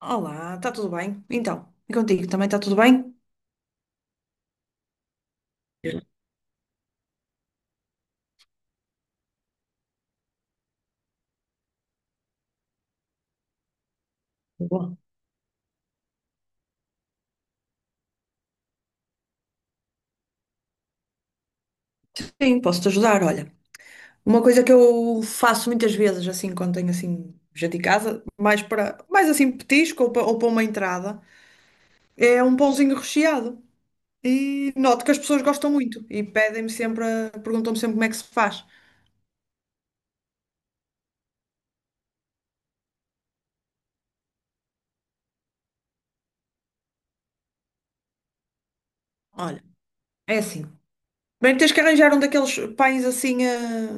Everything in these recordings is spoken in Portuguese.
Olá, está tudo bem? Então, e contigo também está tudo bem? Eu- Boa. Sim, posso-te ajudar. Olha, uma coisa que eu faço muitas vezes, assim, quando tenho assim, gente em casa, mais para, mais assim, petisco ou para uma entrada, é um pãozinho recheado. E noto que as pessoas gostam muito e pedem-me sempre, perguntam-me sempre como é que se faz. Olha, é assim. Bem, tens que arranjar um daqueles pães assim,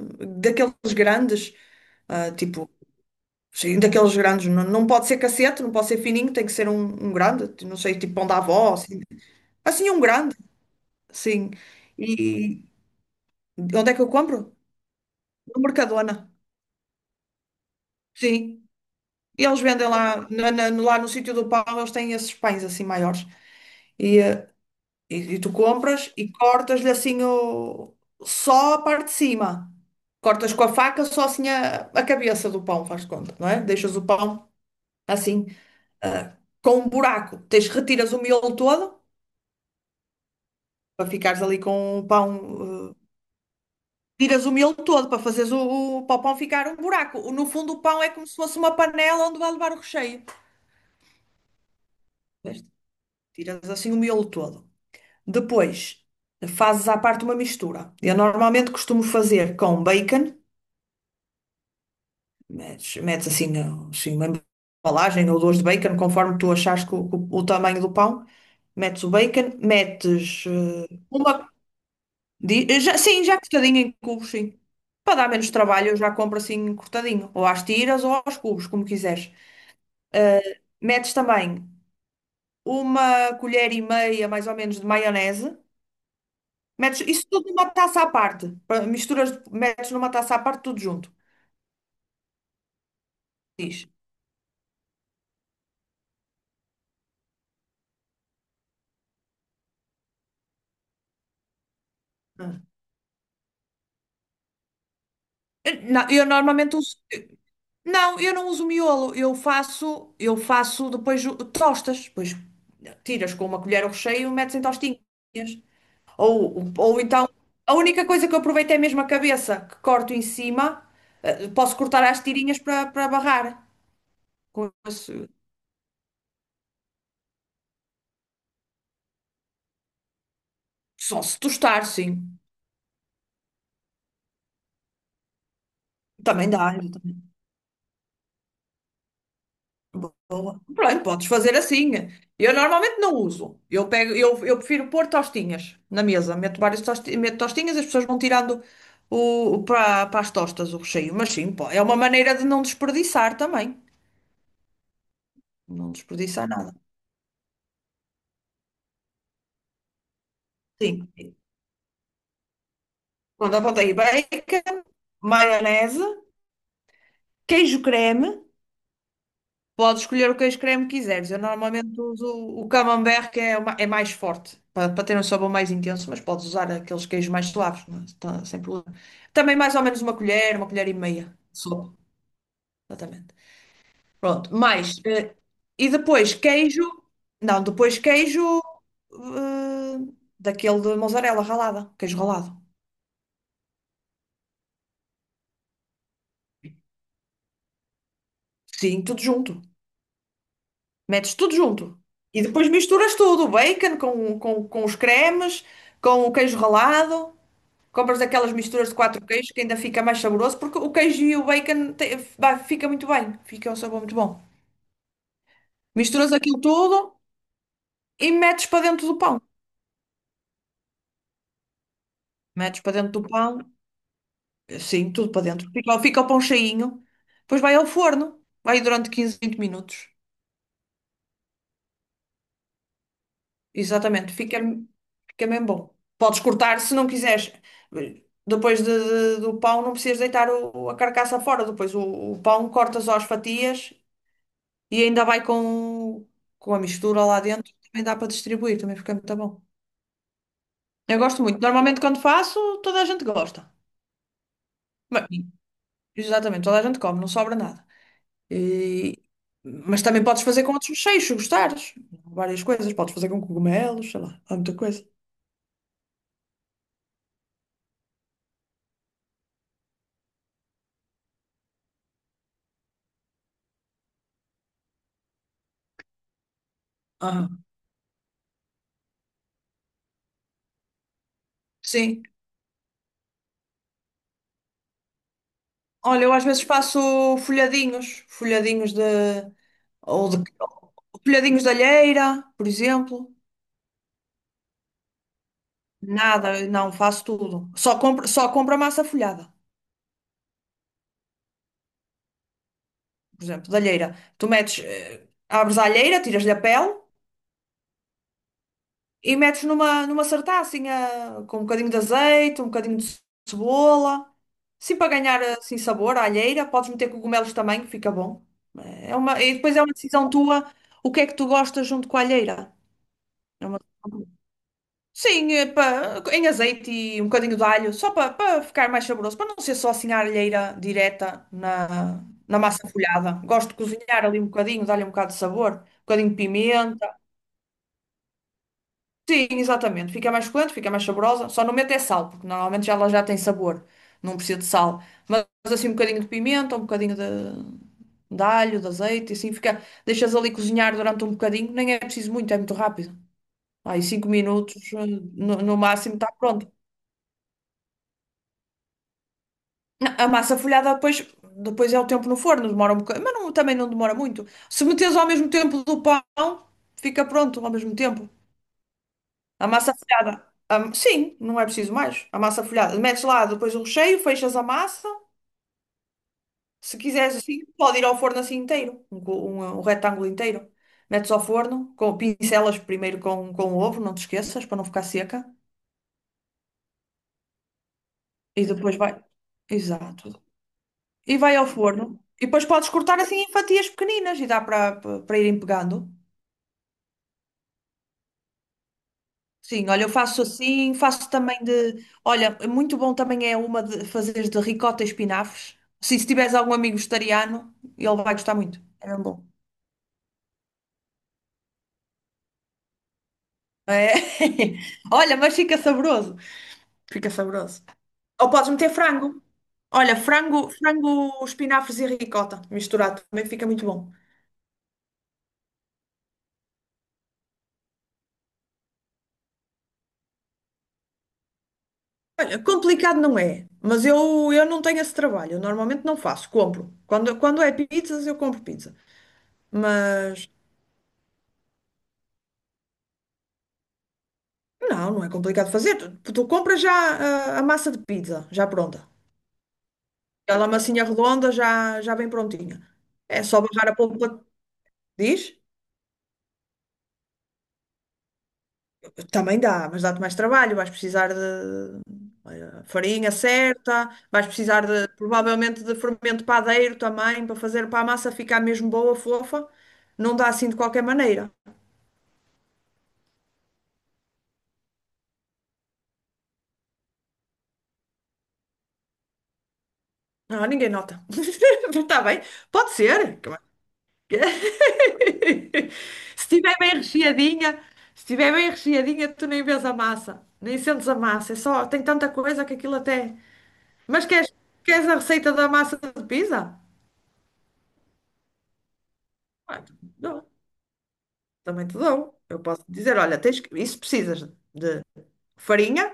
daqueles grandes, tipo. Sim, um daqueles grandes. Não, não pode ser cacete, não pode ser fininho, tem que ser um, um grande. Não sei, tipo pão da avó, assim. Assim, um grande, sim. E onde é que eu compro? No Mercadona, sim. E eles vendem lá, lá no sítio do pão, eles têm esses pães assim maiores. E, eh, e tu compras e cortas-lhe assim o, só a parte de cima. Cortas com a faca só assim a cabeça do pão, faz de conta, não é? Deixas o pão assim, ah, com um buraco. Tens, retiras o miolo todo para ficares ali com o pão. Tiras o miolo todo para fazeres para o pão ficar um buraco. No fundo, o pão é como se fosse uma panela onde vai levar o recheio. Veste? Tiras assim o miolo todo. Depois, fazes à parte uma mistura. Eu normalmente costumo fazer com bacon, metes assim, assim uma embalagem ou duas de bacon, conforme tu achares que o, o tamanho do pão. Metes o bacon, metes, uma. Sim, já cortadinho em cubos, sim. Para dar menos trabalho, eu já compro assim cortadinho, ou às tiras ou aos cubos, como quiseres. Ah, metes também uma colher e meia, mais ou menos, de maionese. Metes isso tudo numa taça à parte. Misturas, metes numa taça à parte, tudo junto. Diz. Ah. Não, eu normalmente uso. Não, eu não uso miolo. Eu faço depois tostas. Depois tiras com uma colher o recheio e metes em tostinhas. Ou então, a única coisa que eu aproveito é mesmo a cabeça, que corto em cima, posso cortar às tirinhas para barrar. Com esse- Só se tostar, sim. Também dá. Boa. Pronto, podes fazer assim. Eu normalmente não uso. Eu prefiro pôr tostinhas na mesa. Meto tostinhas, as pessoas vão tirando para as tostas o recheio. Mas sim, pô, é uma maneira de não desperdiçar também. Não desperdiçar nada. Sim. Pronto, apontei bacon, maionese, queijo creme. Podes escolher o queijo creme que quiseres. Eu normalmente uso o camembert, que é, é mais forte, para ter um sabor mais intenso, mas podes usar aqueles queijos mais suaves, não é? Sem problema. Também mais ou menos uma colher e meia de sopa, exatamente. Pronto, mais. E depois queijo. Não, depois queijo eh, daquele de mozzarella ralada, queijo ralado. Sim, tudo junto. Metes tudo junto. E depois misturas tudo, o bacon com os cremes, com o queijo ralado. Compras aquelas misturas de quatro queijos que ainda fica mais saboroso, porque o queijo e o bacon fica muito bem, fica um sabor muito bom. Misturas aquilo tudo e metes para dentro do pão. Metes para dentro do pão, sim, tudo para dentro. Fica o pão cheinho, depois vai ao forno, vai durante 15 a 20 minutos. Exatamente, fica mesmo bom. Podes cortar se não quiseres. Depois do pão, não precisas deitar a carcaça fora. Depois o pão cortas às fatias e ainda vai com a mistura lá dentro. Também dá para distribuir, também fica muito bom. Eu gosto muito. Normalmente, quando faço, toda a gente gosta. Bem, exatamente, toda a gente come, não sobra nada. E- mas também podes fazer com outros mexeios, se gostares. Várias coisas. Podes fazer com cogumelos, sei lá, há muita coisa. Aham. Sim. Olha, eu às vezes faço folhadinhos, folhadinhos de, ou de, folhadinhos de alheira, por exemplo. Nada, não, faço tudo. Só compro a massa folhada, por exemplo, de alheira. Tu metes, abres a alheira, tiras-lhe a pele e metes numa sartacinha com um bocadinho de azeite, um bocadinho de cebola. Sim, para ganhar assim sabor à alheira, podes meter cogumelos também, que fica bom. É uma, e depois é uma decisão tua, o que é que tu gostas junto com a alheira. É uma... Sim, pá, em azeite e um bocadinho de alho, só para ficar mais saboroso, para não ser só assim a alheira direta na massa folhada. Gosto de cozinhar ali um bocadinho, dar-lhe um bocado de sabor, um bocadinho de pimenta. Sim, exatamente. Fica mais suculento, fica mais saborosa. Só não mete é sal, porque normalmente já ela já tem sabor, não precisa de sal. Mas assim um bocadinho de pimenta, um bocadinho de azeite, e assim fica. Deixas ali cozinhar durante um bocadinho, nem é preciso muito, é muito rápido. Aí 5 minutos, no máximo, está pronto. Não, a massa folhada depois, depois é o tempo no forno, demora um bocado, mas também não demora muito. Se meteres ao mesmo tempo do pão, fica pronto ao mesmo tempo. A massa folhada. Sim, não é preciso mais. A massa folhada. Metes lá depois o recheio, fechas a massa. Se quiseres assim, pode ir ao forno assim inteiro, um, um retângulo inteiro. Metes ao forno, com, pincelas primeiro com o ovo, não te esqueças, para não ficar seca. E depois vai. Exato. E vai ao forno. E depois podes cortar assim em fatias pequeninas e dá para irem pegando. Sim, olha, eu faço assim, faço também de. Olha, é muito bom também é uma de fazeres de ricota e espinafres. Sim, se tiveres algum amigo vegetariano, ele vai gostar muito. É mesmo bom. É. Olha, mas fica saboroso. Fica saboroso. Ou podes meter frango. Olha, frango, frango, espinafres e ricota. Misturado também fica muito bom. Olha, complicado não é, mas eu não tenho esse trabalho. Eu normalmente não faço, compro. Quando é pizzas, eu compro pizza. Mas não, não é complicado fazer. Tu compras já a, massa de pizza, já pronta. Aquela massinha redonda já bem prontinha. É só barrar a polpa, diz? Também dá, mas dá-te mais trabalho. Vais precisar de farinha certa, vais precisar de, provavelmente de fermento padeiro também, para fazer para a massa ficar mesmo boa, fofa. Não dá assim de qualquer maneira. Ah, ninguém nota. Está bem. Pode ser. Se estiver bem recheadinha, se estiver bem recheadinha, tu nem vês a massa, nem sentes a massa. É só, tem tanta coisa que aquilo até. Mas queres a receita da massa de pizza? Ah, dou. Também te dou. Eu posso dizer, olha, isso precisas de farinha.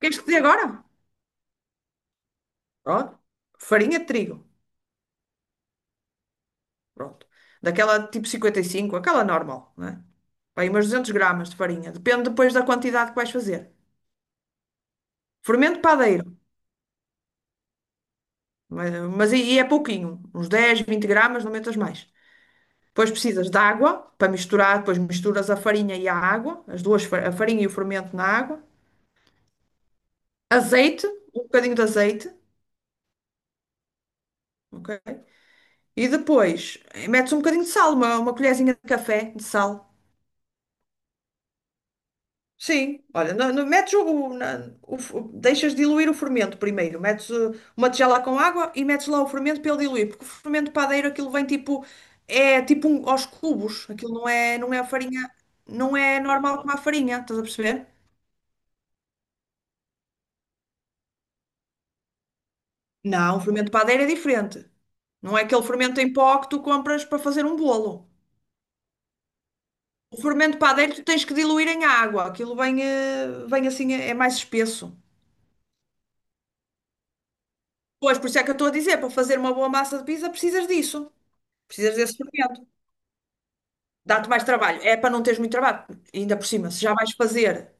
Queres que te dê agora? Pronto. Farinha de trigo. Pronto. Daquela tipo 55 aquela normal, né? Bem, umas 200 gramas de farinha. Depende depois da quantidade que vais fazer. Fermento padeiro. Mas, mas e é pouquinho. Uns 10, 20 gramas, não metas mais. Depois precisas de água para misturar. Depois misturas a farinha e a água. As duas, a farinha e o fermento na água. Azeite. Um bocadinho de azeite. Ok? E depois metes um bocadinho de sal. Uma colherzinha de café de sal. Sim, olha, metes deixas diluir o fermento primeiro, metes uma tigela com água e metes lá o fermento para ele diluir, porque o fermento padeiro aquilo vem tipo, é tipo aos cubos, aquilo não é, não é a farinha, não é normal como a farinha, estás a perceber? Não, o fermento padeiro é diferente. Não é aquele fermento em pó que tu compras para fazer um bolo. O fermento padeiro tu tens que diluir em água, aquilo vem, vem assim, é mais espesso. Pois, por isso é que eu estou a dizer, para fazer uma boa massa de pizza precisas disso. Precisas desse documento. Dá-te mais trabalho. É para não teres muito trabalho. Ainda por cima, se já vais fazer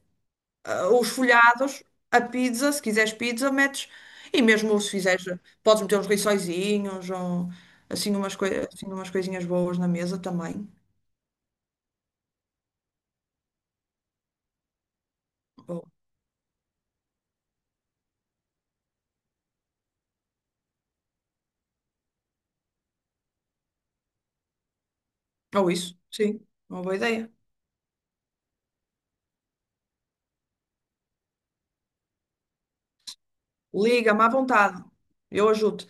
os folhados, a pizza, se quiseres pizza, metes. E mesmo se fizeres, podes meter uns rissóizinhos ou assim umas, assim umas coisinhas boas na mesa também. Ou, sim, uma boa ideia. Liga-me à vontade. Eu ajudo.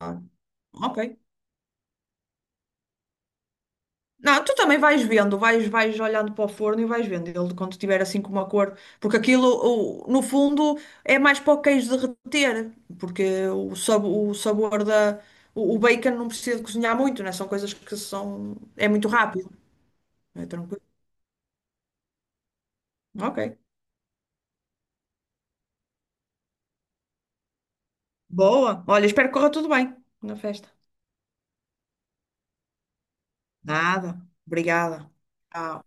Ah, ok. Não, tu também vais vendo, vais olhando para o forno e vais vendo ele quando tiver assim com uma cor, porque aquilo, no fundo, é mais para o queijo derreter, porque o sabor da. O bacon não precisa de cozinhar muito, né? São coisas que são. É muito rápido, é tranquilo. Ok. Boa. Olha, espero que corra tudo bem na festa. Nada. Obrigada. Tchau.